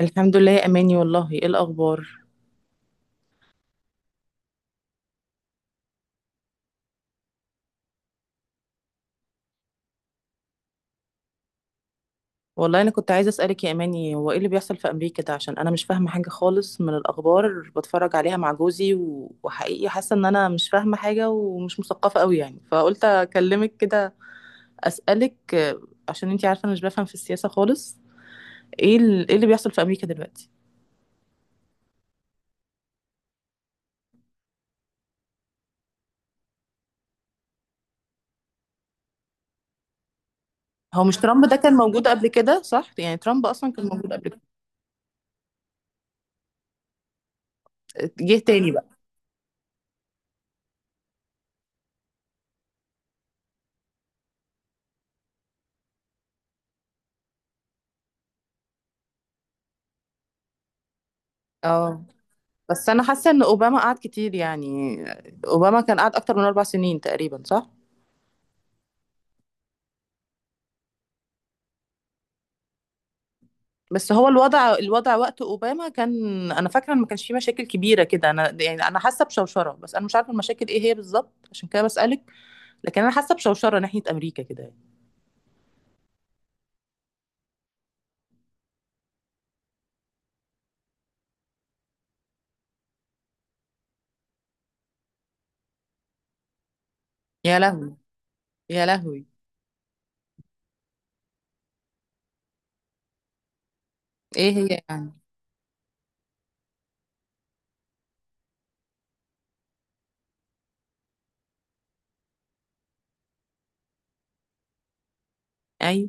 الحمد لله يا اماني، والله؟ ايه الاخبار؟ والله انا كنت عايزه اسالك يا اماني، هو ايه اللي بيحصل في امريكا ده؟ عشان انا مش فاهمه حاجه خالص من الاخبار. بتفرج عليها مع جوزي وحقيقي حاسه ان انا مش فاهمه حاجه ومش مثقفه قوي يعني، فقلت اكلمك كده اسالك. عشان انتي عارفه انا مش بفهم في السياسه خالص. ايه ايه اللي بيحصل في امريكا دلوقتي؟ هو مش ترامب ده كان موجود قبل كده؟ صح؟ يعني ترامب اصلا كان موجود قبل كده، جه تاني بقى. اه، بس انا حاسه ان اوباما قعد كتير يعني. اوباما كان قعد اكتر من اربع سنين تقريبا، صح؟ بس هو الوضع وقت اوباما كان، انا فاكره ان ما كانش فيه مشاكل كبيره كده. انا يعني انا حاسه بشوشره، بس انا مش عارفه المشاكل ايه هي بالظبط، عشان كده بسالك. لكن انا حاسه بشوشره ناحيه امريكا كده يعني. يا لهوي، يا لهوي. ايه هي يعني؟ ايوه،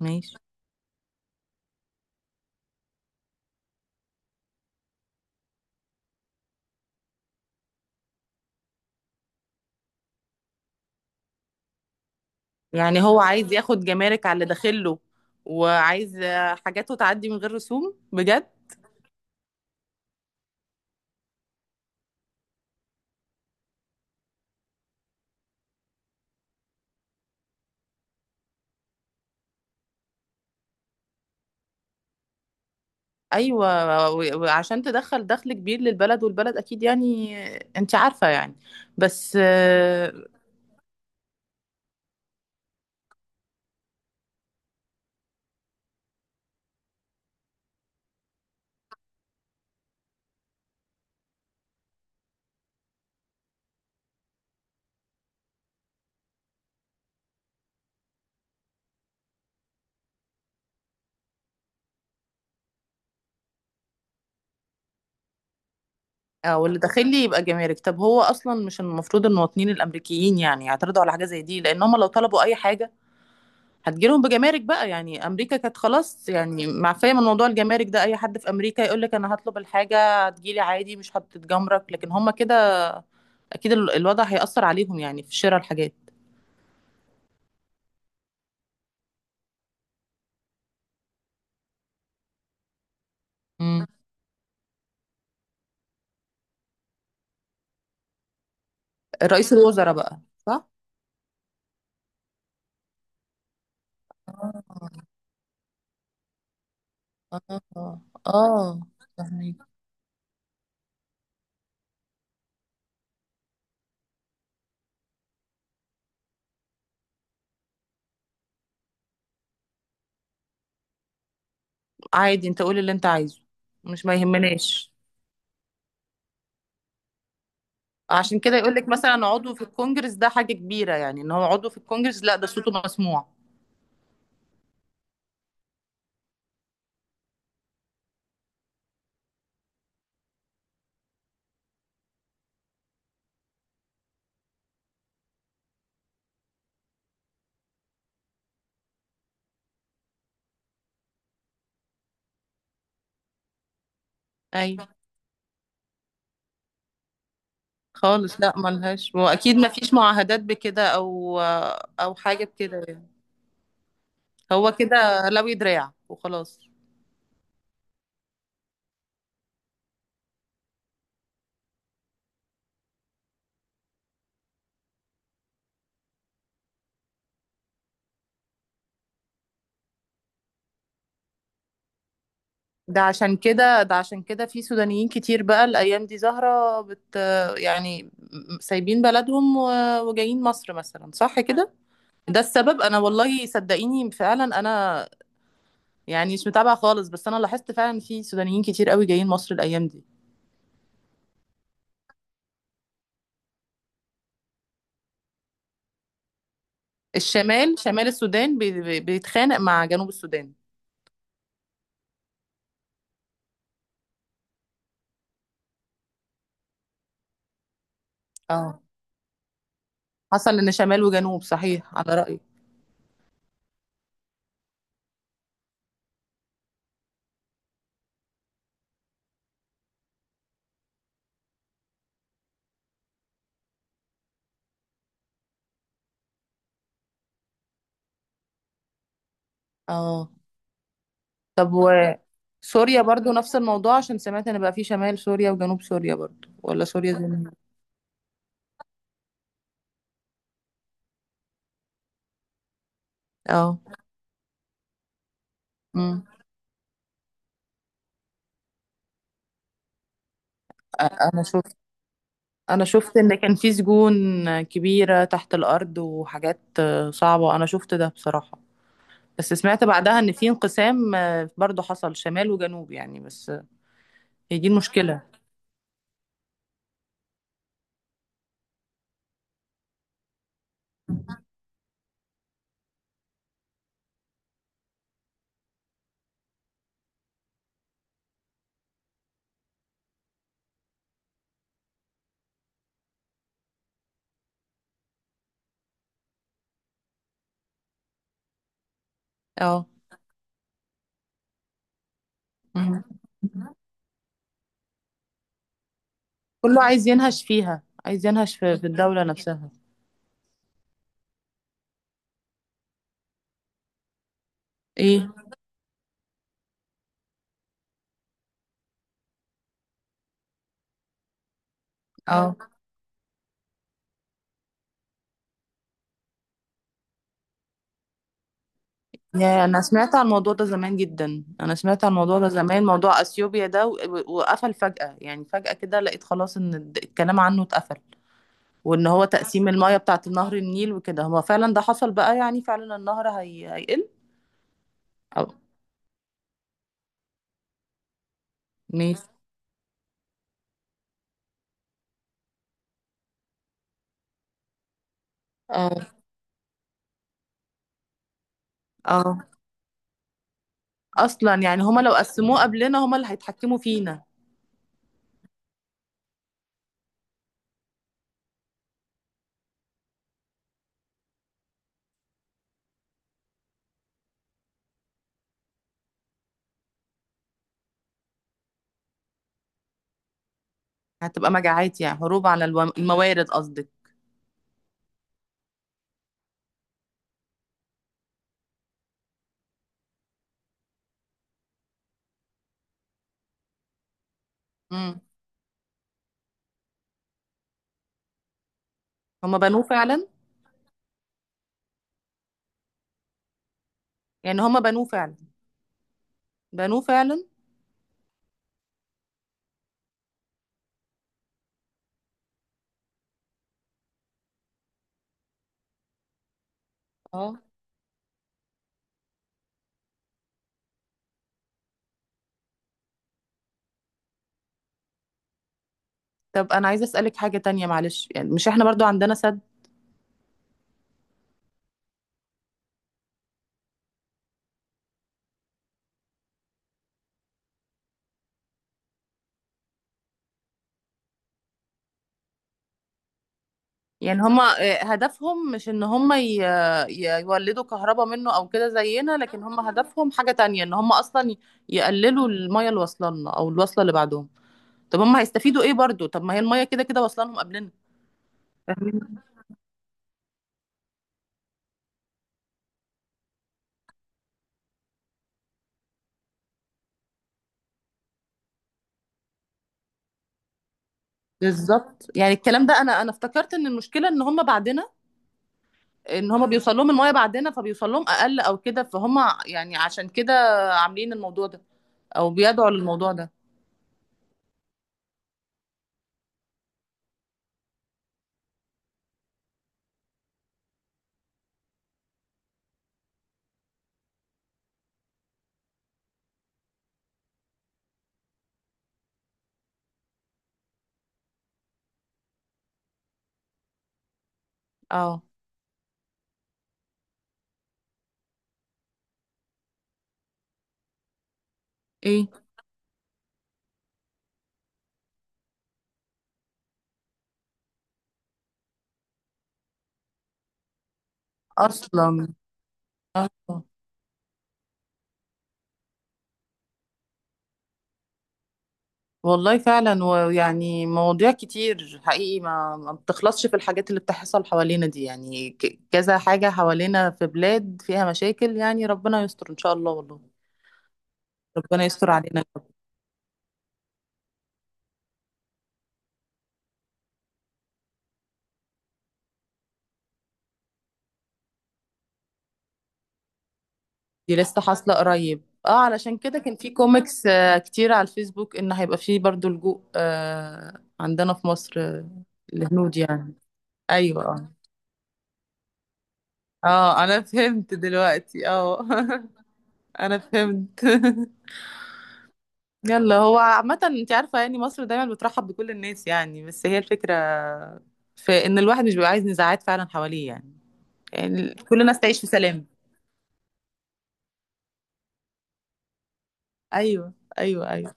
ماشي، يعني هو عايز ياخد جمارك على اللي داخله وعايز حاجاته تعدي من غير رسوم بجد. ايوه وعشان تدخل دخل كبير للبلد، والبلد اكيد يعني انت عارفه يعني. بس او اللي داخل لي يبقى جمارك. طب هو اصلا مش المفروض المواطنين الامريكيين يعني يعترضوا على حاجه زي دي؟ لان هم لو طلبوا اي حاجه هتجيلهم بجمارك بقى. يعني امريكا كانت خلاص يعني معفيه من موضوع الجمارك ده، اي حد في امريكا يقول لك انا هطلب الحاجه هتجيلي عادي، مش هتتجمرك. لكن هم كده اكيد الوضع هيأثر عليهم يعني في شراء الحاجات. مم. رئيس الوزراء بقى. صح. اه. اه. فهميك. عادي، انت قول اللي انت عايزه. مش ما يهمناش. عشان كده يقول لك مثلا عضو في الكونجرس ده حاجة كبيرة يعني، ان هو عضو في الكونجرس، لا ده صوته مسموع. ايوه. خالص، لا ملهاش، واكيد ما فيش معاهدات بكده او حاجة بكده يعني. هو كده لوي دراع وخلاص. ده عشان كده في سودانيين كتير بقى الايام دي زهرة بت، يعني سايبين بلدهم وجايين مصر مثلا، صح كده؟ ده السبب. انا والله صدقيني فعلا، انا يعني مش متابعه خالص، بس انا لاحظت فعلا في سودانيين كتير قوي جايين مصر الايام دي. الشمال، شمال السودان بيتخانق مع جنوب السودان. اه، حصل ان شمال وجنوب، صحيح على رأيي. اه، طب و سوريا برضو نفس الموضوع؟ عشان سمعت ان بقى في شمال سوريا وجنوب سوريا برضو، ولا سوريا زي ما هي؟ اه. امم. أ- انا شفت انا شفت ان كان في سجون كبيرة تحت الارض وحاجات صعبة، انا شفت ده بصراحة. بس سمعت بعدها ان في انقسام برضو حصل شمال وجنوب يعني، بس هي دي المشكلة. اه. مم. كله عايز ينهش فيها، عايز ينهش في الدولة نفسها. ايه. اه، يا، انا سمعت عن الموضوع ده زمان جدا، انا سمعت عن الموضوع ده زمان، موضوع اثيوبيا ده وقفل فجأة، يعني فجأة كده لقيت خلاص ان الكلام عنه اتقفل. وان هو تقسيم المياه بتاعة نهر النيل وكده، هو فعلا ده حصل بقى؟ يعني فعلا النهر هيقل؟ اه. ماشي. اه. اه. اصلا يعني هما لو قسموه قبلنا هما اللي هيتحكموا فينا. هتبقى مجاعات، يعني حروب على الموارد قصدك؟ امم. هما بنوه فعلا؟ يعني هما بنوه فعلا؟ بنوه فعلا؟ اه. طب انا عايزه اسالك حاجه تانية معلش، يعني مش احنا برضو عندنا سد؟ يعني هما هدفهم مش ان هما يولدوا كهرباء منه او كده زينا، لكن هما هدفهم حاجه تانية، ان هما اصلا يقللوا الميه اللي واصله لنا او الواصله اللي بعدهم؟ طب هما هيستفيدوا ايه برضو؟ طب ما هي الميه كده كده واصله لهم قبلنا. بالظبط، يعني الكلام ده، انا افتكرت ان المشكله ان هم بعدنا، ان هم بيوصل لهم المايه بعدنا فبيوصل لهم اقل او كده، فهم يعني عشان كده عاملين الموضوع ده او بيدعوا للموضوع ده. اه. ايه؟ اصلا؟ اه. والله فعلا. ويعني مواضيع كتير حقيقي ما بتخلصش، في الحاجات اللي بتحصل حوالينا دي يعني، كذا حاجه حوالينا في بلاد فيها مشاكل يعني، ربنا يستر ان شاء الله والله. ربنا يستر علينا. دي لسه حاصلة قريب، اه، علشان كده كان في كوميكس كتير على الفيسبوك ان هيبقى فيه برضو لجوء عندنا في مصر، الهنود يعني. ايوه. اه. اه انا فهمت دلوقتي، اه. انا فهمت. يلا، هو عامة انت عارفة يعني مصر دايما بترحب بكل الناس يعني، بس هي الفكرة في ان الواحد مش بيبقى عايز نزاعات فعلا حواليه يعني، يعني كل الناس تعيش في سلام. ايوه، ايوه. ايوه،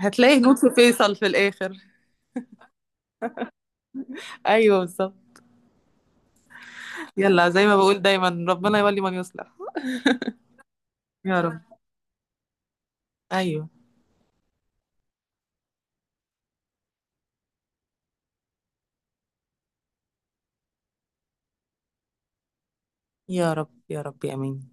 هتلاقي هنود في فيصل في الاخر. ايوه، بالظبط. يلا، زي ما بقول دايما، ربنا يولي من يصلح. يا رب. ايوه. يا رب، يا رب، امين.